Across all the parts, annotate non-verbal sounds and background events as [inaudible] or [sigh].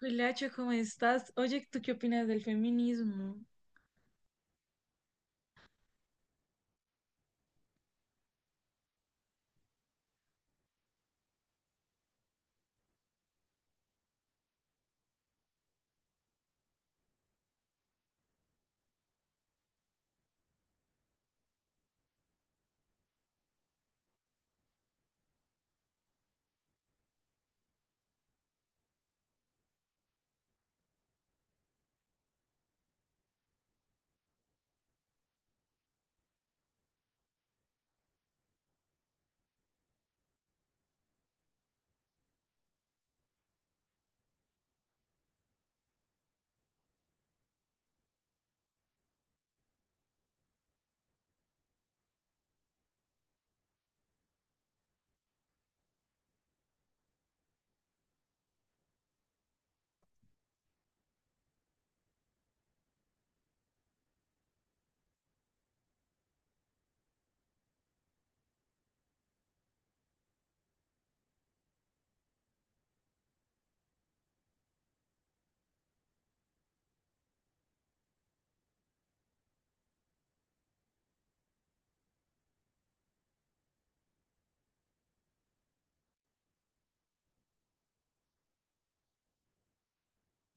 Juliacho, ¿cómo estás? Oye, ¿tú qué opinas del feminismo?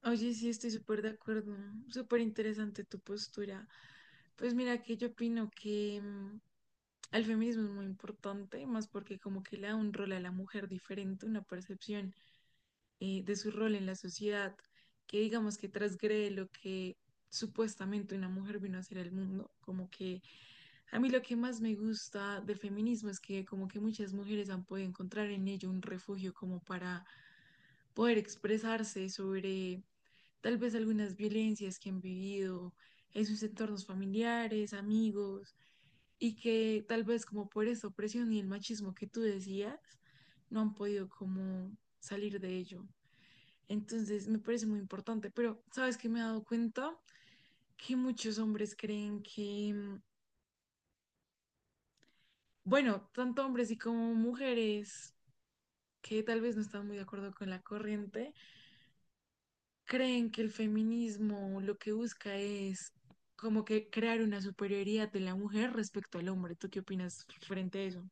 Oye, sí, estoy súper de acuerdo. Súper interesante tu postura. Pues mira, que yo opino que el feminismo es muy importante, más porque como que le da un rol a la mujer diferente, una percepción de su rol en la sociedad, que digamos que transgrede lo que supuestamente una mujer vino a hacer al mundo, como que a mí lo que más me gusta del feminismo es que como que muchas mujeres han podido encontrar en ello un refugio como para poder expresarse sobre tal vez algunas violencias que han vivido en sus entornos familiares, amigos, y que tal vez como por esta opresión y el machismo que tú decías, no han podido como salir de ello. Entonces me parece muy importante, pero sabes que me he dado cuenta que muchos hombres creen que bueno, tanto hombres y como mujeres que tal vez no están muy de acuerdo con la corriente, creen que el feminismo lo que busca es como que crear una superioridad de la mujer respecto al hombre. ¿Tú qué opinas frente a eso?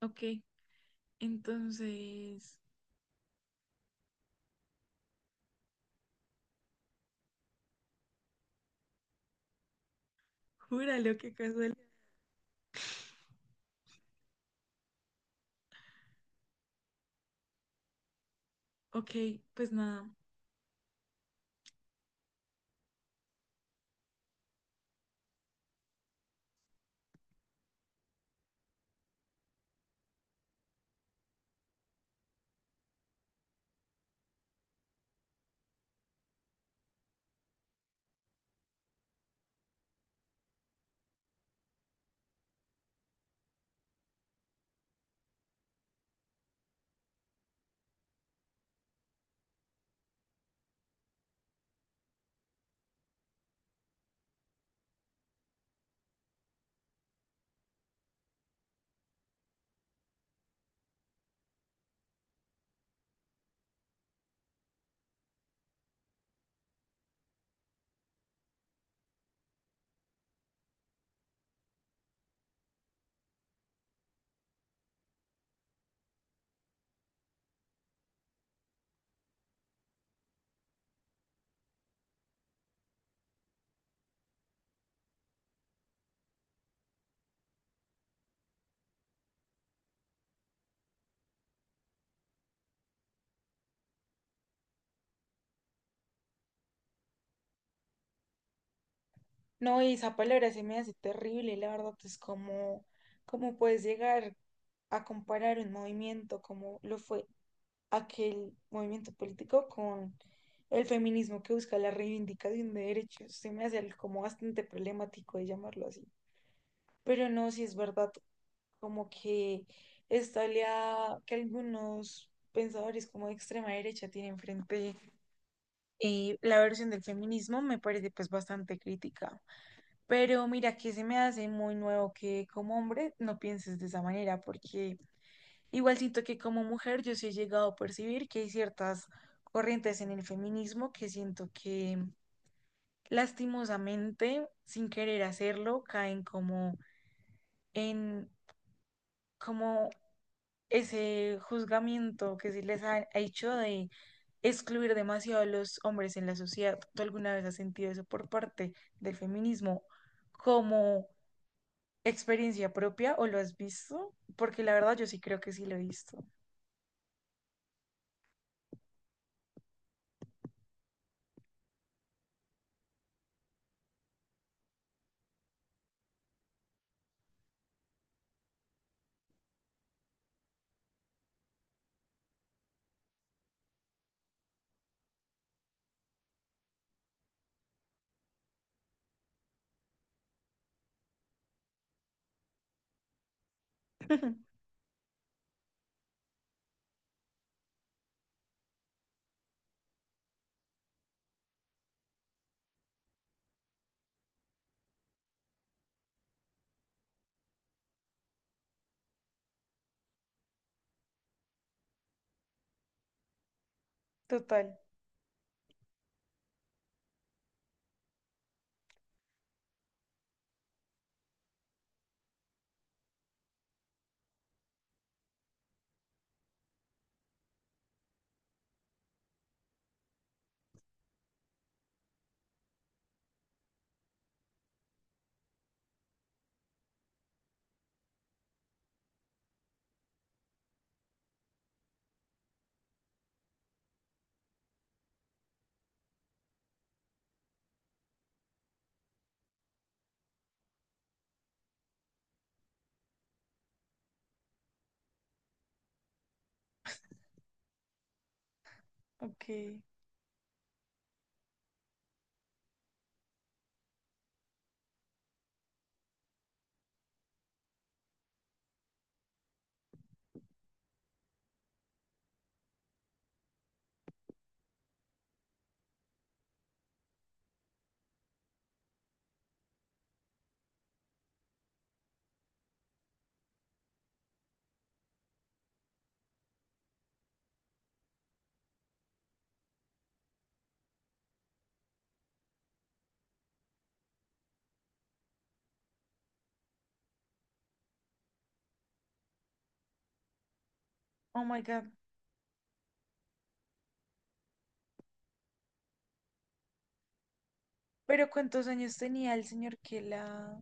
Ok, entonces, júralo, qué casualidad. Ok, pues nada. No, y esa palabra se me hace terrible, la verdad, es como, ¿cómo puedes llegar a comparar un movimiento como lo fue aquel movimiento político con el feminismo que busca la reivindicación de derechos? Se me hace algo como bastante problemático de llamarlo así. Pero no, si es verdad, como que esta oleada que algunos pensadores como de extrema derecha tienen frente y la versión del feminismo me parece pues bastante crítica. Pero mira que se me hace muy nuevo que como hombre no pienses de esa manera, porque igual siento que como mujer yo sí he llegado a percibir que hay ciertas corrientes en el feminismo que siento que lastimosamente, sin querer hacerlo, caen como en como ese juzgamiento que se les ha hecho de excluir demasiado a los hombres en la sociedad. ¿Tú alguna vez has sentido eso por parte del feminismo como experiencia propia o lo has visto? Porque la verdad yo sí creo que sí lo he visto. [laughs] Total, ok. Oh my God. Pero ¿cuántos años tenía el señor que la...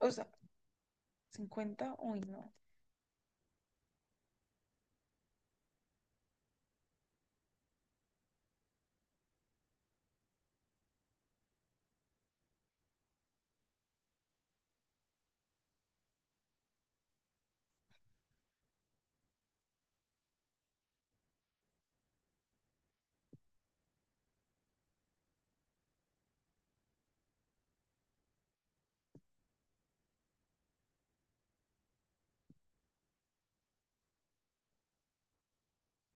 O sea, 50, uy, no.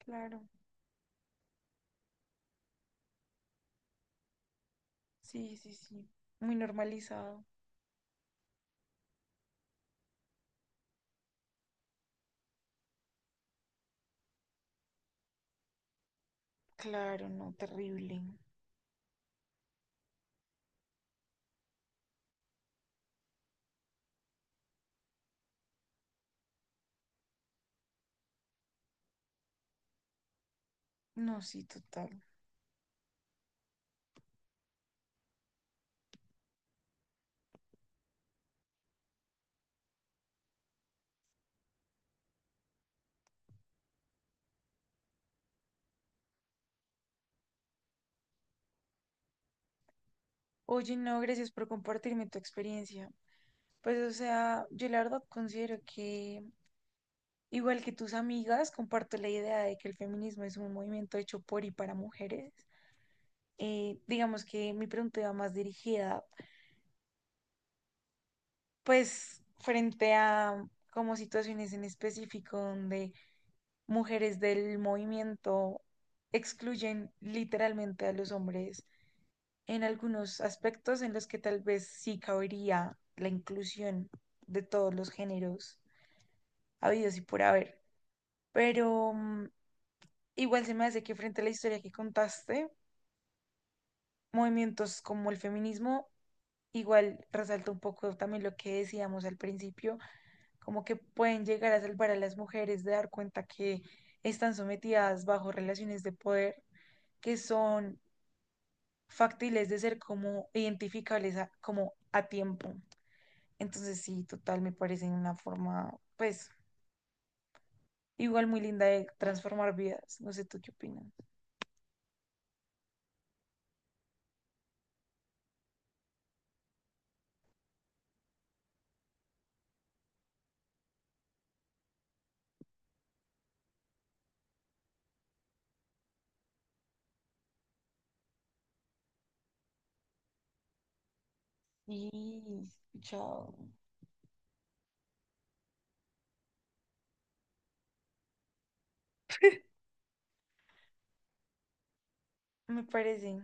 Claro. Sí, sí, sí. Muy normalizado. Claro, no, terrible. No, sí, total. Oye, no, gracias por compartirme tu experiencia. Pues, o sea, yo la verdad considero que, igual que tus amigas, comparto la idea de que el feminismo es un movimiento hecho por y para mujeres. Digamos que mi pregunta iba más dirigida pues frente a como situaciones en específico donde mujeres del movimiento excluyen literalmente a los hombres en algunos aspectos en los que tal vez sí cabería la inclusión de todos los géneros habidos y por haber. Pero igual se me hace que frente a la historia que contaste, movimientos como el feminismo, igual resalta un poco también lo que decíamos al principio, como que pueden llegar a salvar a las mujeres de dar cuenta que están sometidas bajo relaciones de poder que son factibles de ser como identificables a- como a tiempo. Entonces sí, total, me parece una forma, pues, igual muy linda de transformar vidas. No sé tú qué opinas. Sí, chao. Me parece.